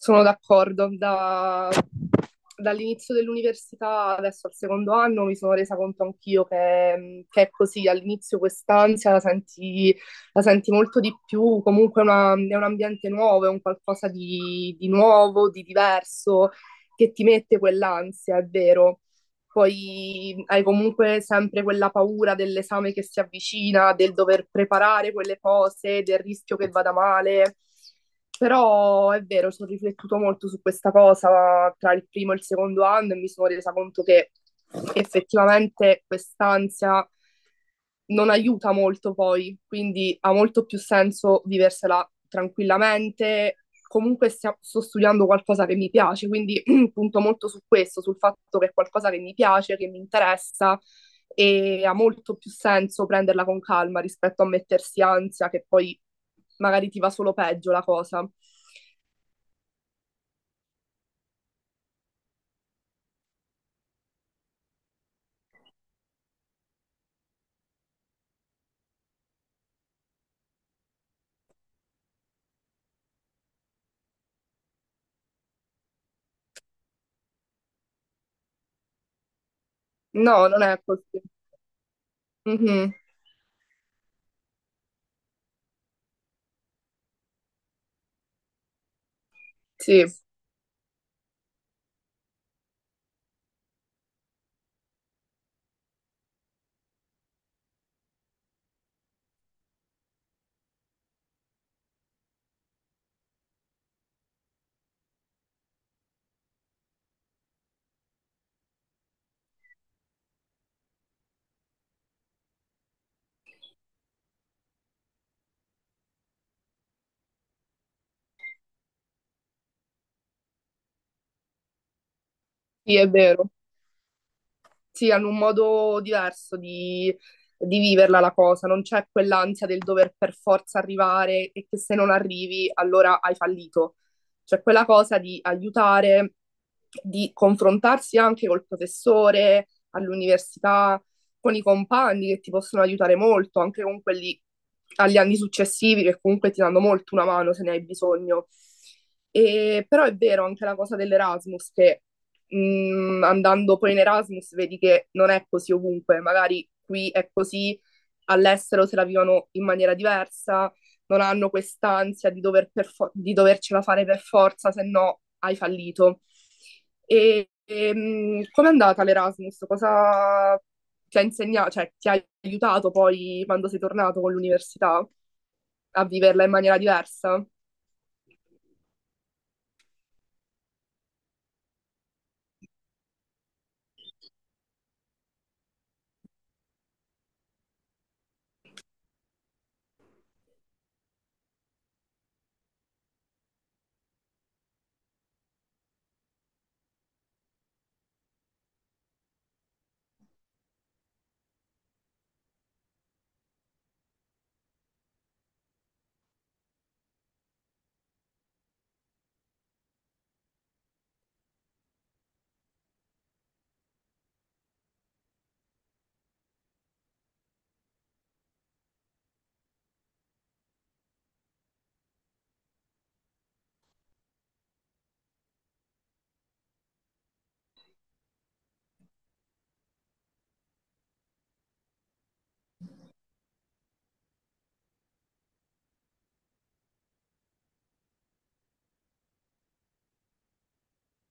Sono d'accordo, dall'inizio dell'università adesso al secondo anno mi sono resa conto anch'io che è così, all'inizio quest'ansia la senti molto di più, comunque è un ambiente nuovo, è un qualcosa di nuovo, di diverso, che ti mette quell'ansia, è vero. Poi hai comunque sempre quella paura dell'esame che si avvicina, del dover preparare quelle cose, del rischio che vada male. Però è vero, ci ho riflettuto molto su questa cosa tra il primo e il secondo anno e mi sono resa conto che effettivamente quest'ansia non aiuta molto poi, quindi ha molto più senso viversela tranquillamente. Comunque sto studiando qualcosa che mi piace, quindi punto molto su questo, sul fatto che è qualcosa che mi piace, che mi interessa e ha molto più senso prenderla con calma rispetto a mettersi ansia che poi magari ti va solo peggio la cosa. No, non è così. Mhm. Sì, sì, è vero. Sì, hanno un modo diverso di viverla la cosa, non c'è quell'ansia del dover per forza arrivare e che se non arrivi allora hai fallito. C'è quella cosa di aiutare, di confrontarsi anche col professore, all'università, con i compagni che ti possono aiutare molto, anche con quelli agli anni successivi che comunque ti danno molto una mano se ne hai bisogno. E, però è vero anche la cosa dell'Erasmus che andando poi in Erasmus vedi che non è così ovunque, magari qui è così, all'estero se la vivono in maniera diversa, non hanno quest'ansia di dovercela fare per forza, se no hai fallito. Com'è andata l'Erasmus? Cosa ti ha insegnato, cioè ti ha aiutato poi quando sei tornato con l'università a viverla in maniera diversa?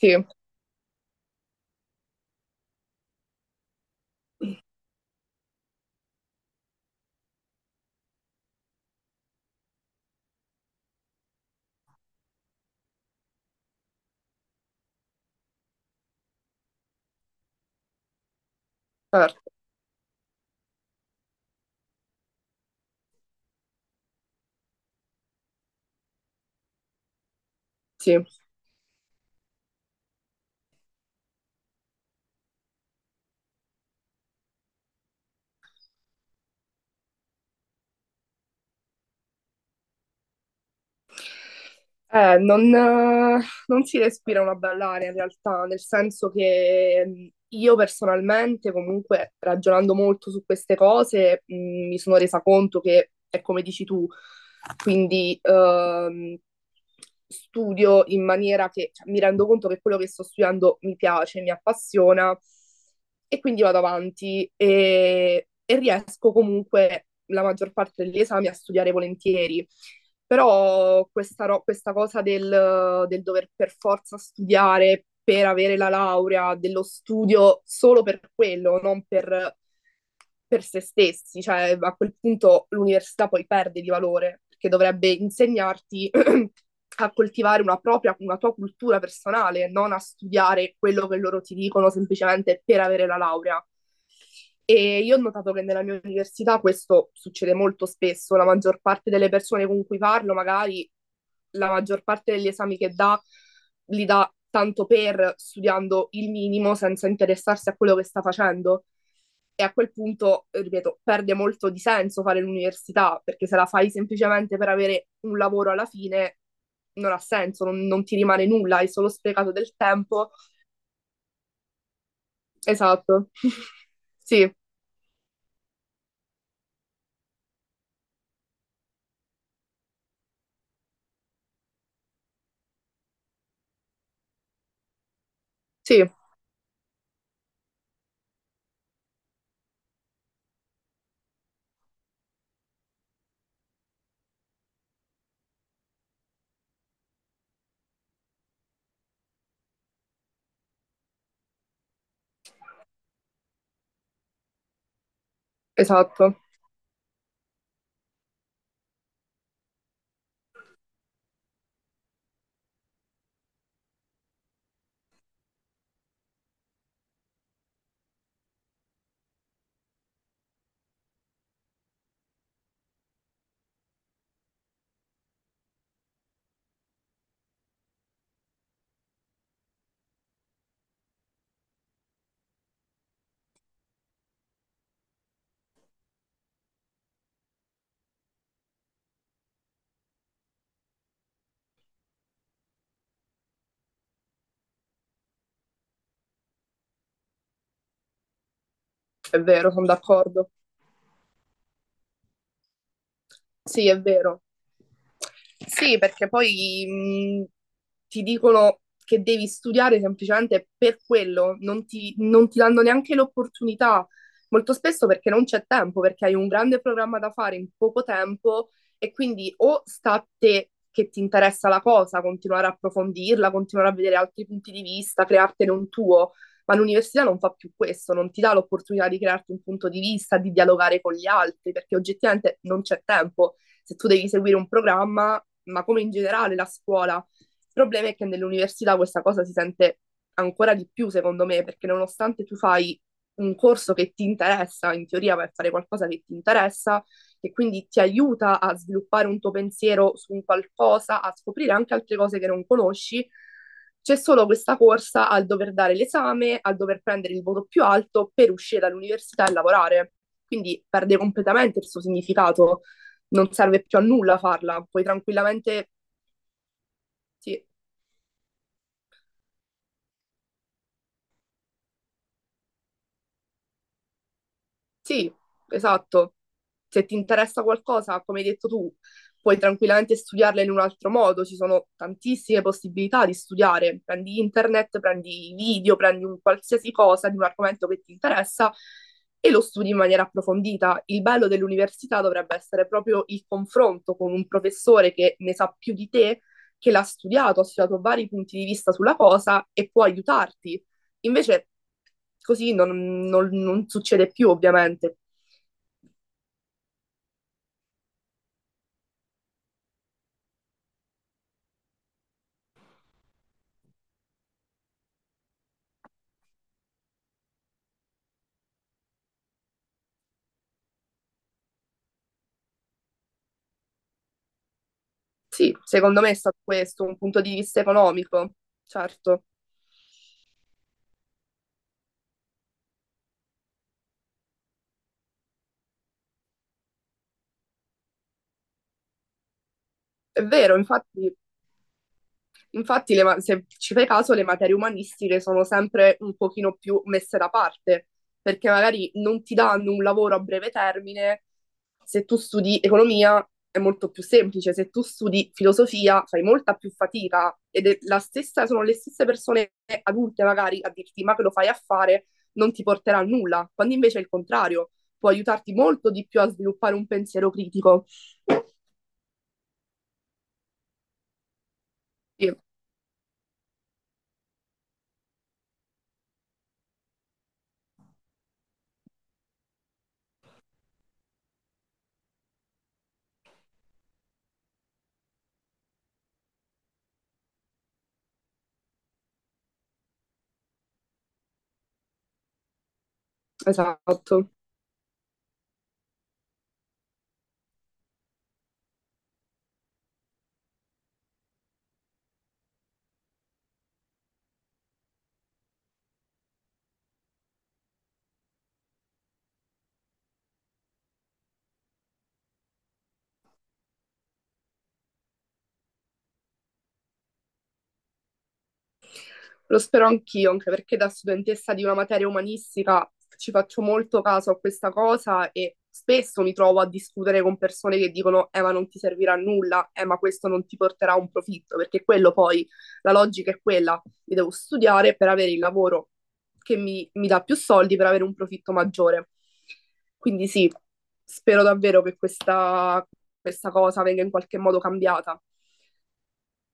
Sì, certo, sì. Eh, non, eh, Non si respira una bella aria in realtà, nel senso che io personalmente, comunque, ragionando molto su queste cose, mi sono resa conto che è come dici tu, quindi studio in maniera che, mi rendo conto che quello che sto studiando mi piace, mi appassiona e quindi vado avanti e riesco comunque la maggior parte degli esami a studiare volentieri. Però questa cosa del dover per forza studiare per avere la laurea, dello studio solo per quello, non per per se stessi, cioè a quel punto l'università poi perde di valore, perché dovrebbe insegnarti a coltivare una propria, una tua cultura personale, non a studiare quello che loro ti dicono semplicemente per avere la laurea. E io ho notato che nella mia università questo succede molto spesso, la maggior parte delle persone con cui parlo, magari la maggior parte degli esami che dà, li dà tanto per studiando il minimo senza interessarsi a quello che sta facendo. E a quel punto, ripeto, perde molto di senso fare l'università, perché se la fai semplicemente per avere un lavoro alla fine, non ha senso, non ti rimane nulla, hai solo sprecato del tempo. Esatto. Sì, sì, esatto. È vero, sono d'accordo. Sì, è vero. Sì, perché poi ti dicono che devi studiare semplicemente per quello, non ti danno neanche l'opportunità, molto spesso perché non c'è tempo, perché hai un grande programma da fare in poco tempo e quindi o sta a te che ti interessa la cosa, continuare a approfondirla, continuare a vedere altri punti di vista, creartene un tuo, ma l'università non fa più questo, non ti dà l'opportunità di crearti un punto di vista, di dialogare con gli altri, perché oggettivamente non c'è tempo se tu devi seguire un programma, ma come in generale la scuola. Il problema è che nell'università questa cosa si sente ancora di più, secondo me, perché nonostante tu fai un corso che ti interessa, in teoria per fare qualcosa che ti interessa, che quindi ti aiuta a sviluppare un tuo pensiero su un qualcosa, a scoprire anche altre cose che non conosci, c'è solo questa corsa al dover dare l'esame, al dover prendere il voto più alto per uscire dall'università e lavorare. Quindi perde completamente il suo significato, non serve più a nulla farla, puoi tranquillamente sì, sì, esatto. Se ti interessa qualcosa, come hai detto tu, puoi tranquillamente studiarla in un altro modo. Ci sono tantissime possibilità di studiare. Prendi internet, prendi video, prendi un qualsiasi cosa di un argomento che ti interessa e lo studi in maniera approfondita. Il bello dell'università dovrebbe essere proprio il confronto con un professore che ne sa più di te, che l'ha studiato, ha studiato vari punti di vista sulla cosa e può aiutarti. Invece così non succede più, ovviamente. Sì, secondo me è stato questo, un punto di vista economico, certo. È vero, infatti, infatti se ci fai caso, le materie umanistiche sono sempre un pochino più messe da parte, perché magari non ti danno un lavoro a breve termine. Se tu studi economia è molto più semplice, se tu studi filosofia fai molta più fatica ed è la stessa, sono le stesse persone adulte magari a dirti ma che lo fai a fare, non ti porterà a nulla, quando invece è il contrario, può aiutarti molto di più a sviluppare un pensiero critico. Sì, esatto. Lo spero anch'io, anche perché da studentessa di una materia umanistica ci faccio molto caso a questa cosa e spesso mi trovo a discutere con persone che dicono ma non ti servirà a nulla, ma questo non ti porterà a un profitto, perché quello poi, la logica è quella, io devo studiare per avere il lavoro che mi dà più soldi per avere un profitto maggiore. Quindi sì, spero davvero che questa cosa venga in qualche modo cambiata.